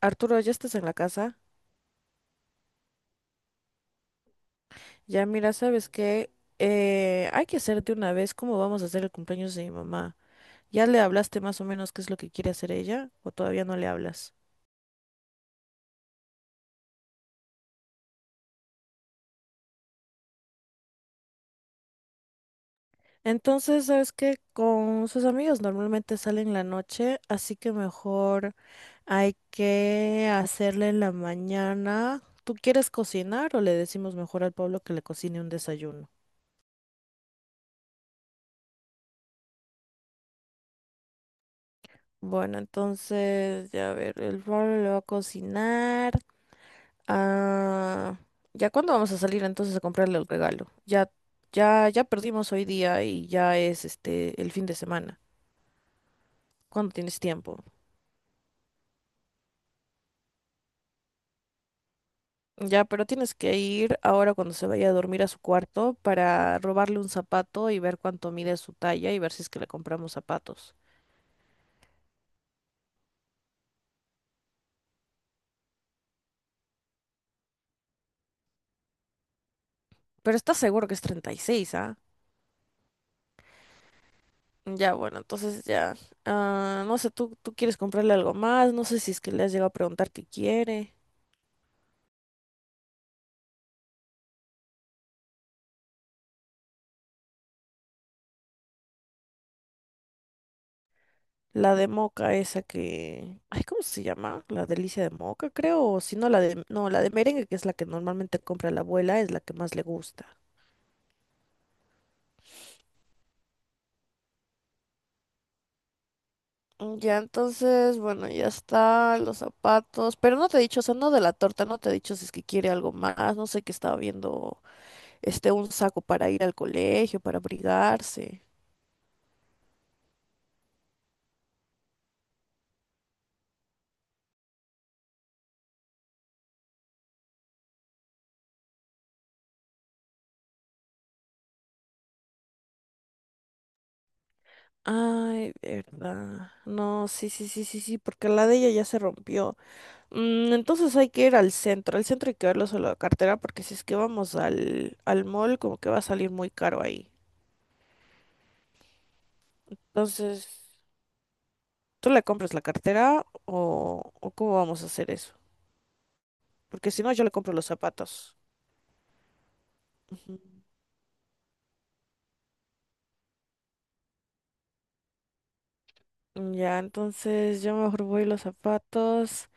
Arturo, ya estás en la casa. Ya, mira, ¿sabes qué? Hay que hacerte una vez cómo vamos a hacer el cumpleaños de mi mamá. ¿Ya le hablaste más o menos qué es lo que quiere hacer ella? ¿O todavía no le hablas? Entonces, ¿sabes qué? Con sus amigos normalmente salen la noche, así que mejor hay que hacerle en la mañana. ¿Tú quieres cocinar o le decimos mejor al pueblo que le cocine un desayuno? Bueno, entonces, ya a ver, el pueblo le va a cocinar. Ah, ¿Ya cuándo vamos a salir entonces a comprarle el regalo? Ya, ya, ya perdimos hoy día y ya es este el fin de semana. ¿Cuándo tienes tiempo? Ya, pero tienes que ir ahora cuando se vaya a dormir a su cuarto para robarle un zapato y ver cuánto mide su talla y ver si es que le compramos zapatos. Pero estás seguro que es 36, ¿ah? Ya, bueno, entonces ya. Ah, no sé, ¿tú quieres comprarle algo más? No sé si es que le has llegado a preguntar qué quiere. La de moca esa que... Ay, ¿cómo se llama? La delicia de moca, creo. O si no, la de... No, la de merengue, que es la que normalmente compra la abuela, es la que más le gusta. Mm, ya, entonces, bueno, ya está, los zapatos, pero no te he dicho, o sea, no de la torta, no te he dicho si es que quiere algo más, no sé que estaba viendo, este, un saco para ir al colegio, para abrigarse. Ay, verdad. No, sí, sí, sí, sí, sí, porque la de ella ya se rompió. Mm, entonces hay que ir al centro. Al centro hay que verlo solo la cartera porque si es que vamos al, al mall, como que va a salir muy caro ahí. Entonces, ¿tú le compras la cartera o cómo vamos a hacer eso? Porque si no, yo le compro los zapatos. Ujú. Ya, entonces yo mejor voy los zapatos.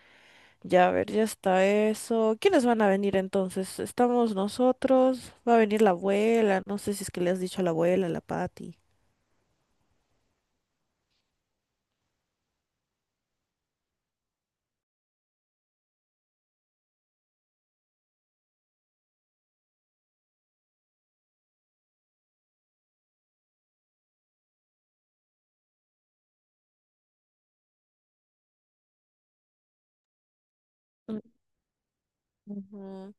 Ya, a ver, ya está eso. ¿Quiénes van a venir entonces? Estamos nosotros. Va a venir la abuela. No sé si es que le has dicho a la abuela, a la Patti. Mm, ujú.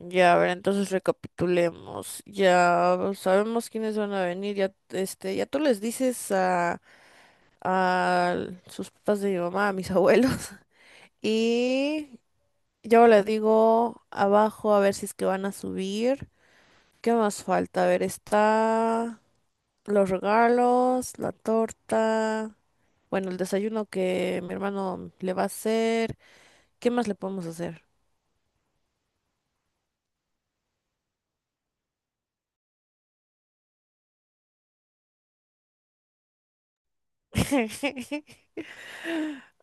Ya, a ver, entonces recapitulemos. Ya sabemos quiénes van a venir. Ya, este, ya tú les dices a sus papás de mi mamá, a mis abuelos. Y yo le digo abajo a ver si es que van a subir. ¿Qué más falta? A ver, está los regalos, la torta, bueno, el desayuno que mi hermano le va a hacer. ¿Qué más le podemos hacer?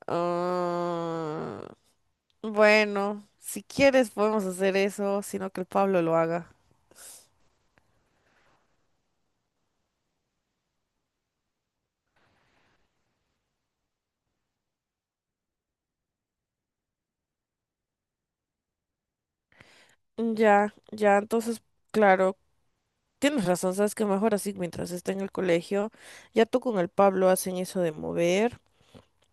Ah, Bueno, si quieres podemos hacer eso, sino que el Pablo lo haga. Ya, ya, entonces, claro, tienes razón, sabes que mejor así mientras esté en el colegio, ya tú con el Pablo hacen eso de mover.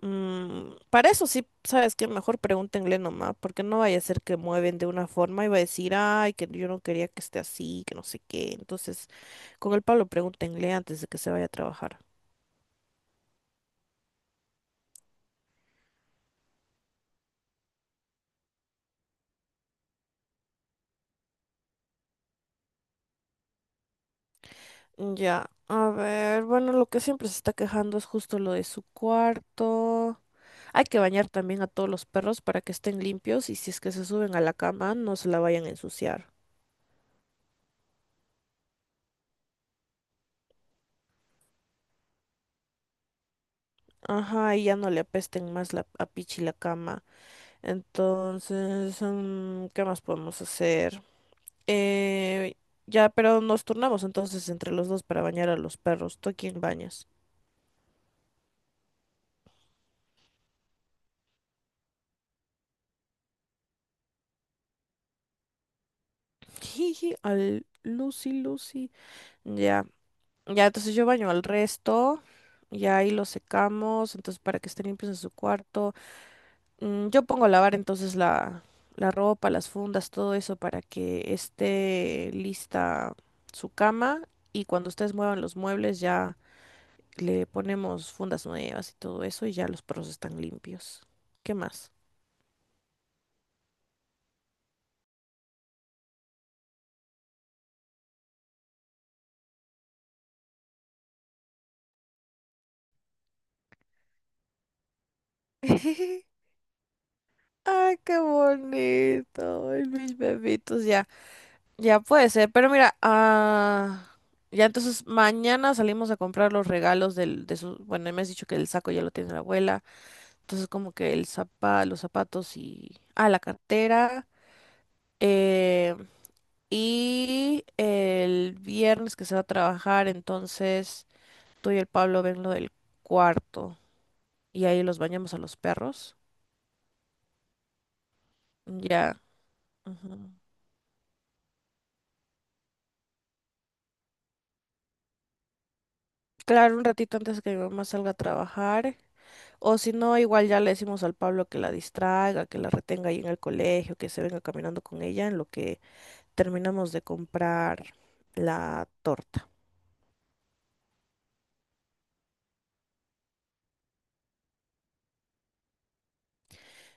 Mm, para eso sí, sabes que mejor pregúntenle nomás, porque no vaya a ser que mueven de una forma y va a decir, ay, que yo no quería que esté así, que no sé qué. Entonces, con el Pablo pregúntenle antes de que se vaya a trabajar. Ya, a ver, bueno, lo que siempre se está quejando es justo lo de su cuarto. Hay que bañar también a todos los perros para que estén limpios y si es que se suben a la cama, no se la vayan a ensuciar. Ajá, y ya no le apesten más la, a Pichi la cama. Entonces, mm, ¿qué más podemos hacer? Eh, ya, pero nos turnamos entonces entre los dos para bañar a los perros. ¿Tú a quién bañas? Jiji, al Lucy, Lucy. Ya. Ya, entonces yo baño al resto. Y ahí los secamos, entonces para que estén limpios en su cuarto. Mm, yo pongo a lavar entonces la ropa, las fundas, todo eso para que esté lista su cama. Y cuando ustedes muevan los muebles ya le ponemos fundas nuevas y todo eso y ya los perros están limpios. ¿Qué más? ¡Ay, qué bonito! Ay, mis bebitos ya. Ya puede ser, pero mira, ah, ya entonces mañana salimos a comprar los regalos del, de su, bueno, me has dicho que el saco ya lo tiene la abuela, entonces como que el zapa, los zapatos y, ah, la cartera, eh, y el viernes que se va a trabajar, entonces tú y el Pablo ven lo del cuarto y ahí los bañamos a los perros, ya, ujú. Claro, un ratito antes de que mi mamá salga a trabajar. O si no, igual ya le decimos al Pablo que la distraiga, que la retenga ahí en el colegio, que se venga caminando con ella en lo que terminamos de comprar la torta.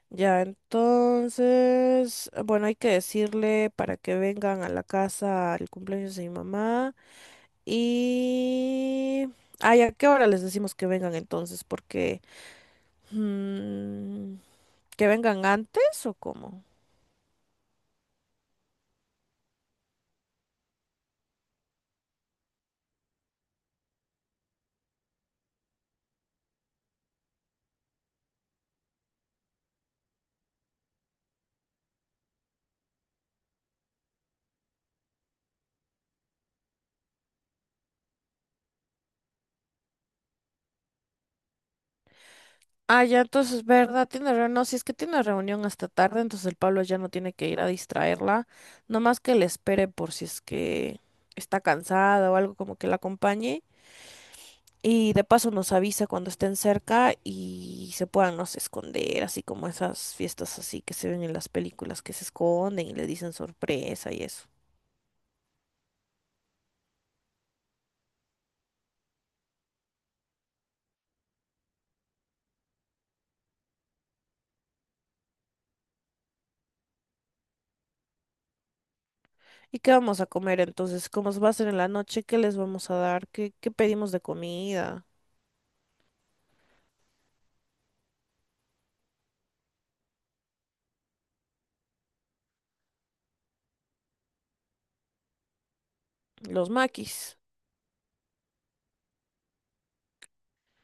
Ya, entonces, bueno, hay que decirle para que vengan a la casa al cumpleaños de mi mamá. Y... Ay, ¿a qué hora les decimos que vengan entonces? Porque... mm, ¿que vengan antes o cómo? Ah, ya, entonces, ¿verdad? Tiene reunión. No, si es que tiene reunión hasta tarde, entonces el Pablo ya no tiene que ir a distraerla. Nomás que le espere por si es que está cansada o algo como que la acompañe. Y de paso nos avisa cuando estén cerca y se puedan, no sé, esconder, así como esas fiestas así que se ven en las películas que se esconden y le dicen sorpresa y eso. ¿Y qué vamos a comer entonces? ¿Cómo va a ser en la noche? ¿Qué les vamos a dar? ¿Qué pedimos de comida? Los maquis.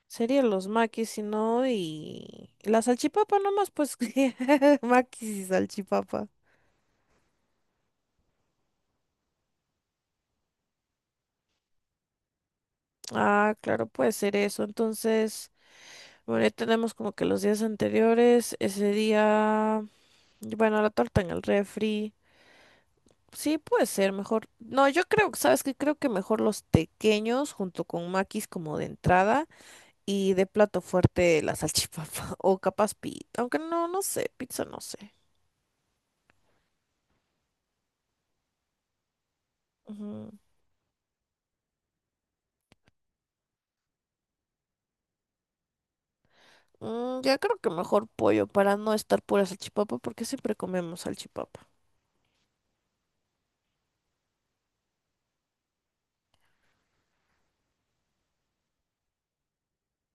Serían los maquis, si no, y la salchipapa nomás, pues que maquis y salchipapa. Ah, claro, puede ser eso. Entonces, bueno, ya tenemos como que los días anteriores, ese día, bueno, la torta en el refri. Sí, puede ser mejor. No, yo creo, ¿sabes qué? Creo que mejor los tequeños junto con maquis como de entrada y de plato fuerte la salchipapa o capaz pizza, aunque no, no sé, pizza no sé. Mm, ya creo que mejor pollo para no estar pura salchipapa porque siempre comemos salchipapa.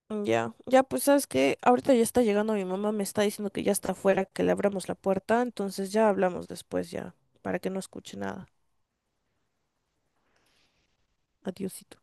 Mm, ya, ya pues sabes que ahorita ya está llegando mi mamá, me está diciendo que ya está afuera, que le abramos la puerta, entonces ya hablamos después ya, para que no escuche nada. Adiósito.